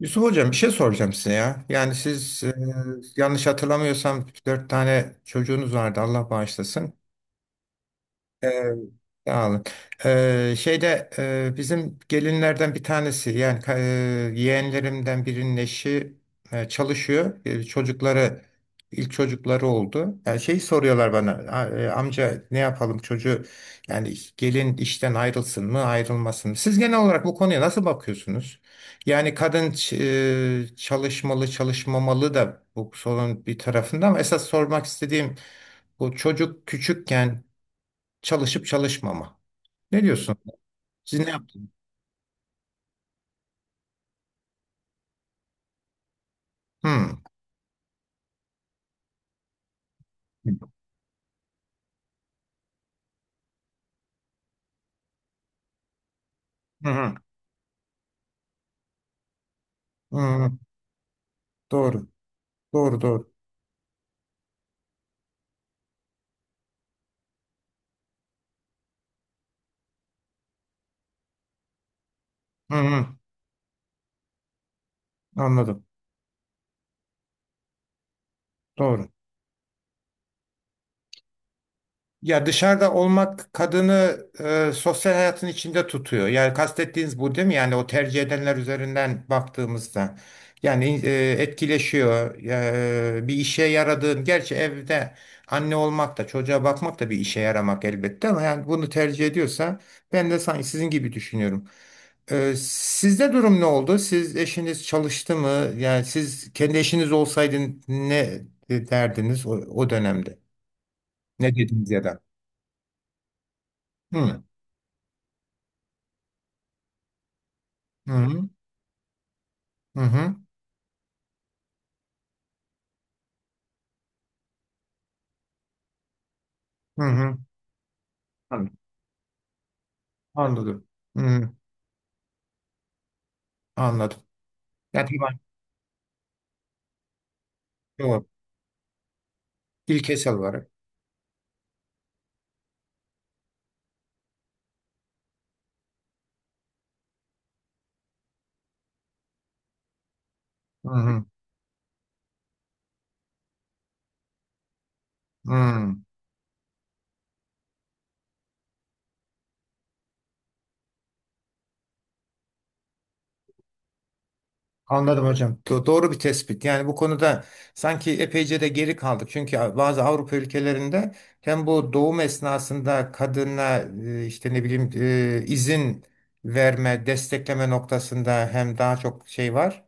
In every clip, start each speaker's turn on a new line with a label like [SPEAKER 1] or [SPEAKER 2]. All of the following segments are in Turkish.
[SPEAKER 1] Yusuf Hocam bir şey soracağım size ya. Yani siz yanlış hatırlamıyorsam dört tane çocuğunuz vardı, Allah bağışlasın. Ee, sağ olun. Şeyde bizim gelinlerden bir tanesi, yani yeğenlerimden birinin eşi çalışıyor. E, çocukları ilk çocukları oldu. Yani şey soruyorlar bana, "Amca, ne yapalım çocuğu, yani gelin işten ayrılsın mı ayrılmasın mı? Siz genel olarak bu konuya nasıl bakıyorsunuz? Yani kadın çalışmalı çalışmamalı da, bu sorun bir tarafında ama esas sormak istediğim bu çocuk küçükken çalışıp çalışmama. Ne diyorsun? Siz ne yaptınız? Hmm. Hı hı. Hı hı. Doğru. Doğru, doğru. Hı hı. Anladım. Doğru. Ya dışarıda olmak kadını sosyal hayatın içinde tutuyor. Yani kastettiğiniz bu değil mi? Yani o tercih edenler üzerinden baktığımızda. Yani etkileşiyor. Bir işe yaradığın, gerçi evde anne olmak da çocuğa bakmak da bir işe yaramak elbette, ama yani bunu tercih ediyorsa ben de sanki sizin gibi düşünüyorum. Sizde durum ne oldu? Siz, eşiniz çalıştı mı? Yani siz kendi eşiniz olsaydın ne derdiniz o dönemde? Ne dediniz ya da? Hı. Hı hı hı hı. Hı. Hı. Anladım. Anladım. Hı hı, anladım. Yani tamam. Doğru. İlkesel olarak. Hı hı. Hı. Anladım hocam. Doğru bir tespit. Yani bu konuda sanki epeyce de geri kaldık. Çünkü bazı Avrupa ülkelerinde hem bu doğum esnasında kadına işte ne bileyim izin verme, destekleme noktasında hem daha çok şey var.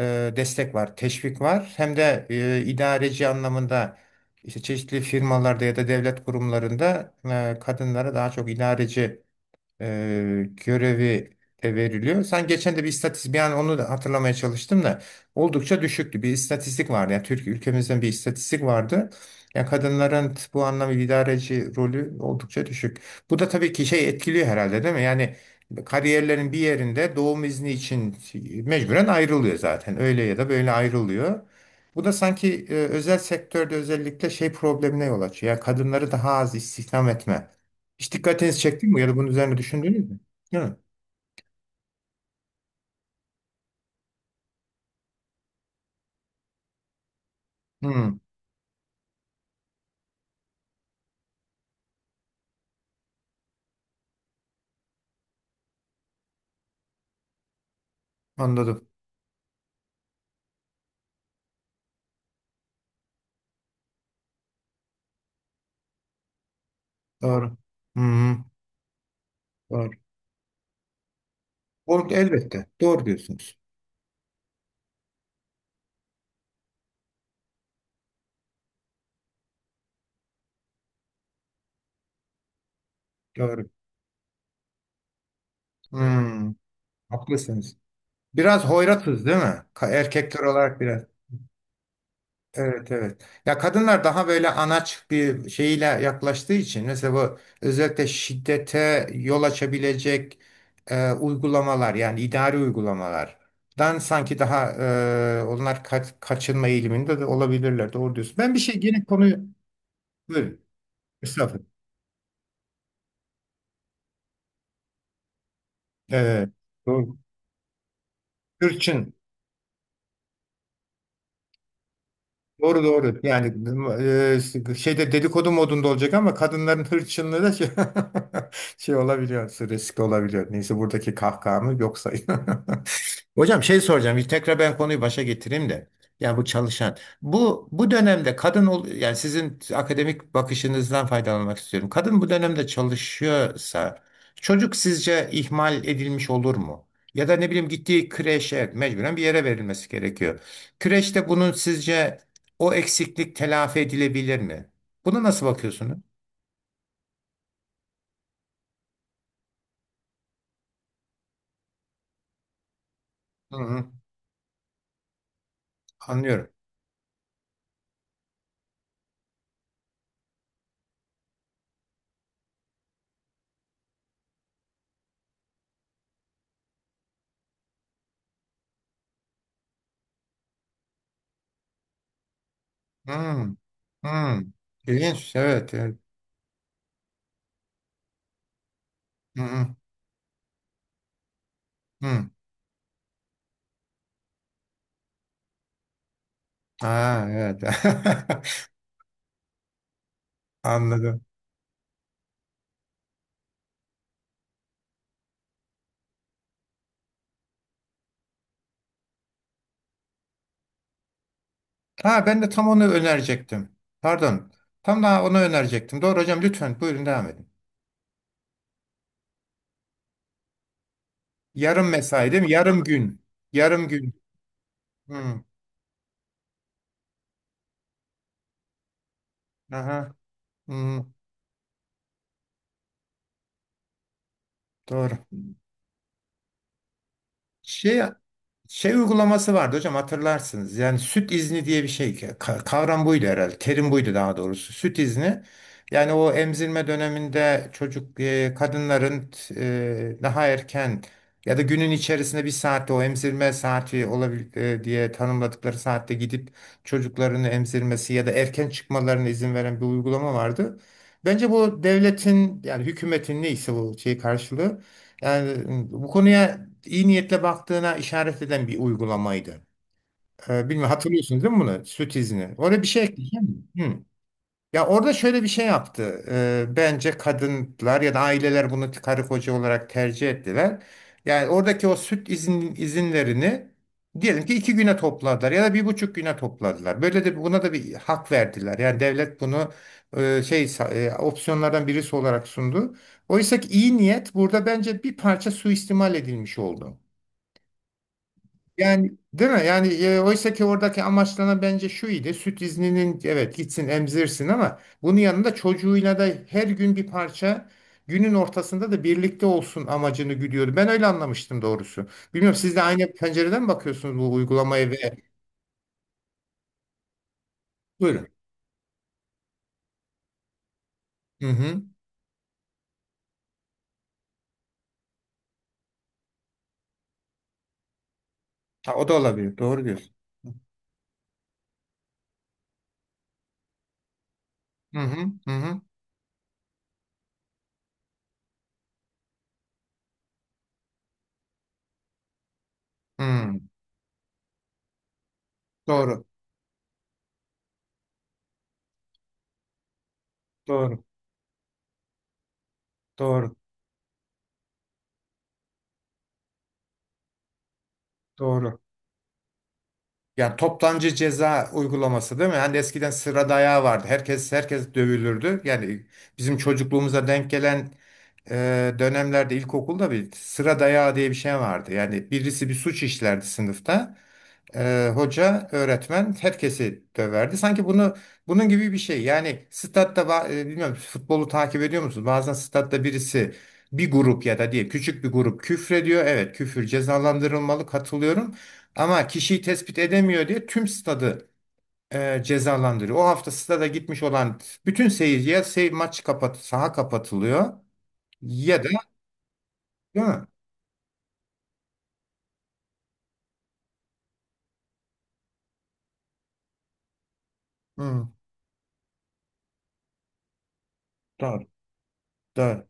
[SPEAKER 1] Destek var, teşvik var. Hem de idareci anlamında, işte çeşitli firmalarda ya da devlet kurumlarında kadınlara daha çok idareci görevi de veriliyor. Sen geçen de bir istatistik, yani onu da hatırlamaya çalıştım da, oldukça düşüktü. Bir istatistik vardı. Yani Türkiye, ülkemizden bir istatistik vardı. Yani kadınların bu anlamda idareci rolü oldukça düşük. Bu da tabii ki şey etkiliyor herhalde, değil mi? Yani kariyerlerin bir yerinde doğum izni için mecburen ayrılıyor zaten. Öyle ya da böyle ayrılıyor. Bu da sanki özel sektörde özellikle şey problemine yol açıyor. Yani kadınları daha az istihdam etme. Hiç dikkatinizi çekti mi ya da bunun üzerine düşündünüz mü? Değil mi? Hmm, anladım. Doğru. Hmm, doğru. Oğlum, elbette. Doğru diyorsunuz. Doğru. Hmm, haklısınız. Biraz hoyratız değil mi? Erkekler olarak biraz. Evet, evet. Ya, kadınlar daha böyle anaç bir şeyle yaklaştığı için mesela, bu özellikle şiddete yol açabilecek uygulamalar, yani idari uygulamalardan sanki daha onlar kaçınma eğiliminde de olabilirler. Doğru diyorsun. Ben bir şey yine konuyu buyurun. Estağfurullah. Evet. Doğru. Hırçın. Doğru, doğru. Yani şeyde dedikodu modunda olacak ama, kadınların hırçınlığı da şey, şey olabiliyor, riskli olabiliyor. Neyse, buradaki kahkahamı yok sayın. Hocam, şey soracağım. Bir tekrar ben konuyu başa getireyim de. Yani bu çalışan. Bu dönemde kadın yani sizin akademik bakışınızdan faydalanmak istiyorum. Kadın bu dönemde çalışıyorsa çocuk sizce ihmal edilmiş olur mu? Ya da ne bileyim, gittiği kreşe, mecburen bir yere verilmesi gerekiyor. Kreşte bunun sizce o eksiklik telafi edilebilir mi? Buna nasıl bakıyorsunuz? Hı hı, anlıyorum. Hı hı. İlginç, evet. Evet. Hı hı, hı. Ha, evet. Anladım. Ha, ben de tam onu önerecektim. Pardon. Tam daha onu önerecektim. Doğru hocam, lütfen buyurun devam edin. Yarım mesai değil mi? Yarım gün. Yarım gün. Hı. Aha. Hı. Doğru. Şey şey uygulaması vardı hocam, hatırlarsınız. Yani süt izni diye bir şey. Kavram buydu herhalde. Terim buydu daha doğrusu. Süt izni. Yani o emzirme döneminde çocuk, kadınların daha erken ya da günün içerisinde bir saatte, o emzirme saati olabilir diye tanımladıkları saatte gidip çocuklarını emzirmesi ya da erken çıkmalarına izin veren bir uygulama vardı. Bence bu devletin, yani hükümetin neyse, bu şey karşılığı, yani bu konuya iyi niyetle baktığına işaret eden bir uygulamaydı. Bilmiyorum hatırlıyorsunuz değil mi bunu? Süt izni. Oraya bir şey ekleyeceğim mi? Ya orada şöyle bir şey yaptı. Bence kadınlar ya da aileler bunu karı koca olarak tercih ettiler. Yani oradaki o süt izinlerini diyelim ki iki güne topladılar ya da bir buçuk güne topladılar. Böyle de buna da bir hak verdiler. Yani devlet bunu şey, opsiyonlardan birisi olarak sundu. Oysa ki iyi niyet burada bence bir parça suistimal edilmiş oldu. Yani, değil mi? Yani oysa ki oradaki amaçlanan bence şu idi. Süt izninin, evet, gitsin emzirsin ama bunun yanında çocuğuyla da her gün bir parça günün ortasında da birlikte olsun amacını güdüyordu. Ben öyle anlamıştım doğrusu. Bilmiyorum siz de aynı pencereden mi bakıyorsunuz bu uygulamaya, ve buyurun. Hı hı. Ha, o da olabilir. Doğru diyorsun. Hı hı. Hı hı. Hı. Doğru. Doğru. Doğru. Doğru. Yani toptancı ceza uygulaması değil mi? Hani eskiden sıra dayağı vardı. Herkes, herkes dövülürdü. Yani bizim çocukluğumuza denk gelen dönemlerde ilkokulda bir sıra dayağı diye bir şey vardı. Yani birisi bir suç işlerdi sınıfta. Hoca, öğretmen herkesi döverdi. Sanki bunun gibi bir şey. Yani statta bilmiyorum, futbolu takip ediyor musunuz? Bazen statta birisi, bir grup ya da, diye küçük bir grup küfrediyor. Evet, küfür cezalandırılmalı, katılıyorum. Ama kişiyi tespit edemiyor diye tüm stadı cezalandırıyor. O hafta stada gitmiş olan bütün seyirci, ya sey maç kapat saha kapatılıyor, ya da değil mi? Hı, doğru. Doğru.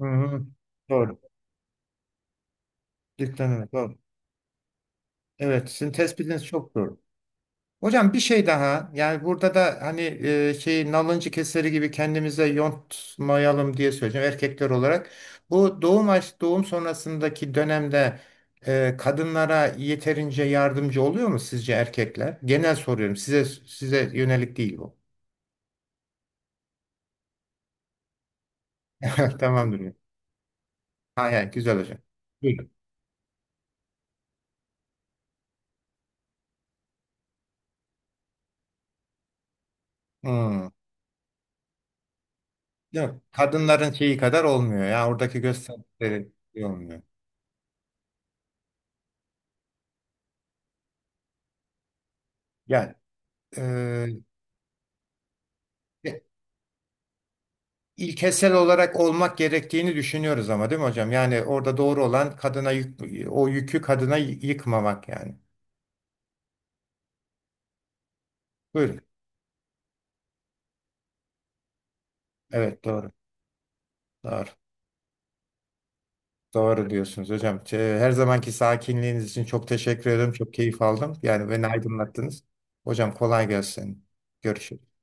[SPEAKER 1] Hı, hı, doğru. Dikkat edin, doğru. Evet, sizin tespitiniz çok doğru. Hocam bir şey daha, yani burada da hani şey, nalıncı keseri gibi kendimize yontmayalım diye söyleyeceğim, erkekler olarak. Bu doğum sonrasındaki dönemde kadınlara yeterince yardımcı oluyor mu sizce erkekler? Genel soruyorum size, size yönelik değil bu. Tamamdır. Hayır, hayır, güzel hocam. Buyurun. Hmm. Yok, kadınların şeyi kadar olmuyor ya, oradaki gösterdikleri şey olmuyor. Yani e, ilkesel olarak olmak gerektiğini düşünüyoruz ama, değil mi hocam? Yani orada doğru olan, o yükü kadına yıkmamak yani. Buyurun. Evet, doğru. Doğru. Doğru diyorsunuz hocam. Her zamanki sakinliğiniz için çok teşekkür ederim. Çok keyif aldım. Yani beni aydınlattınız. Hocam, kolay gelsin. Görüşürüz.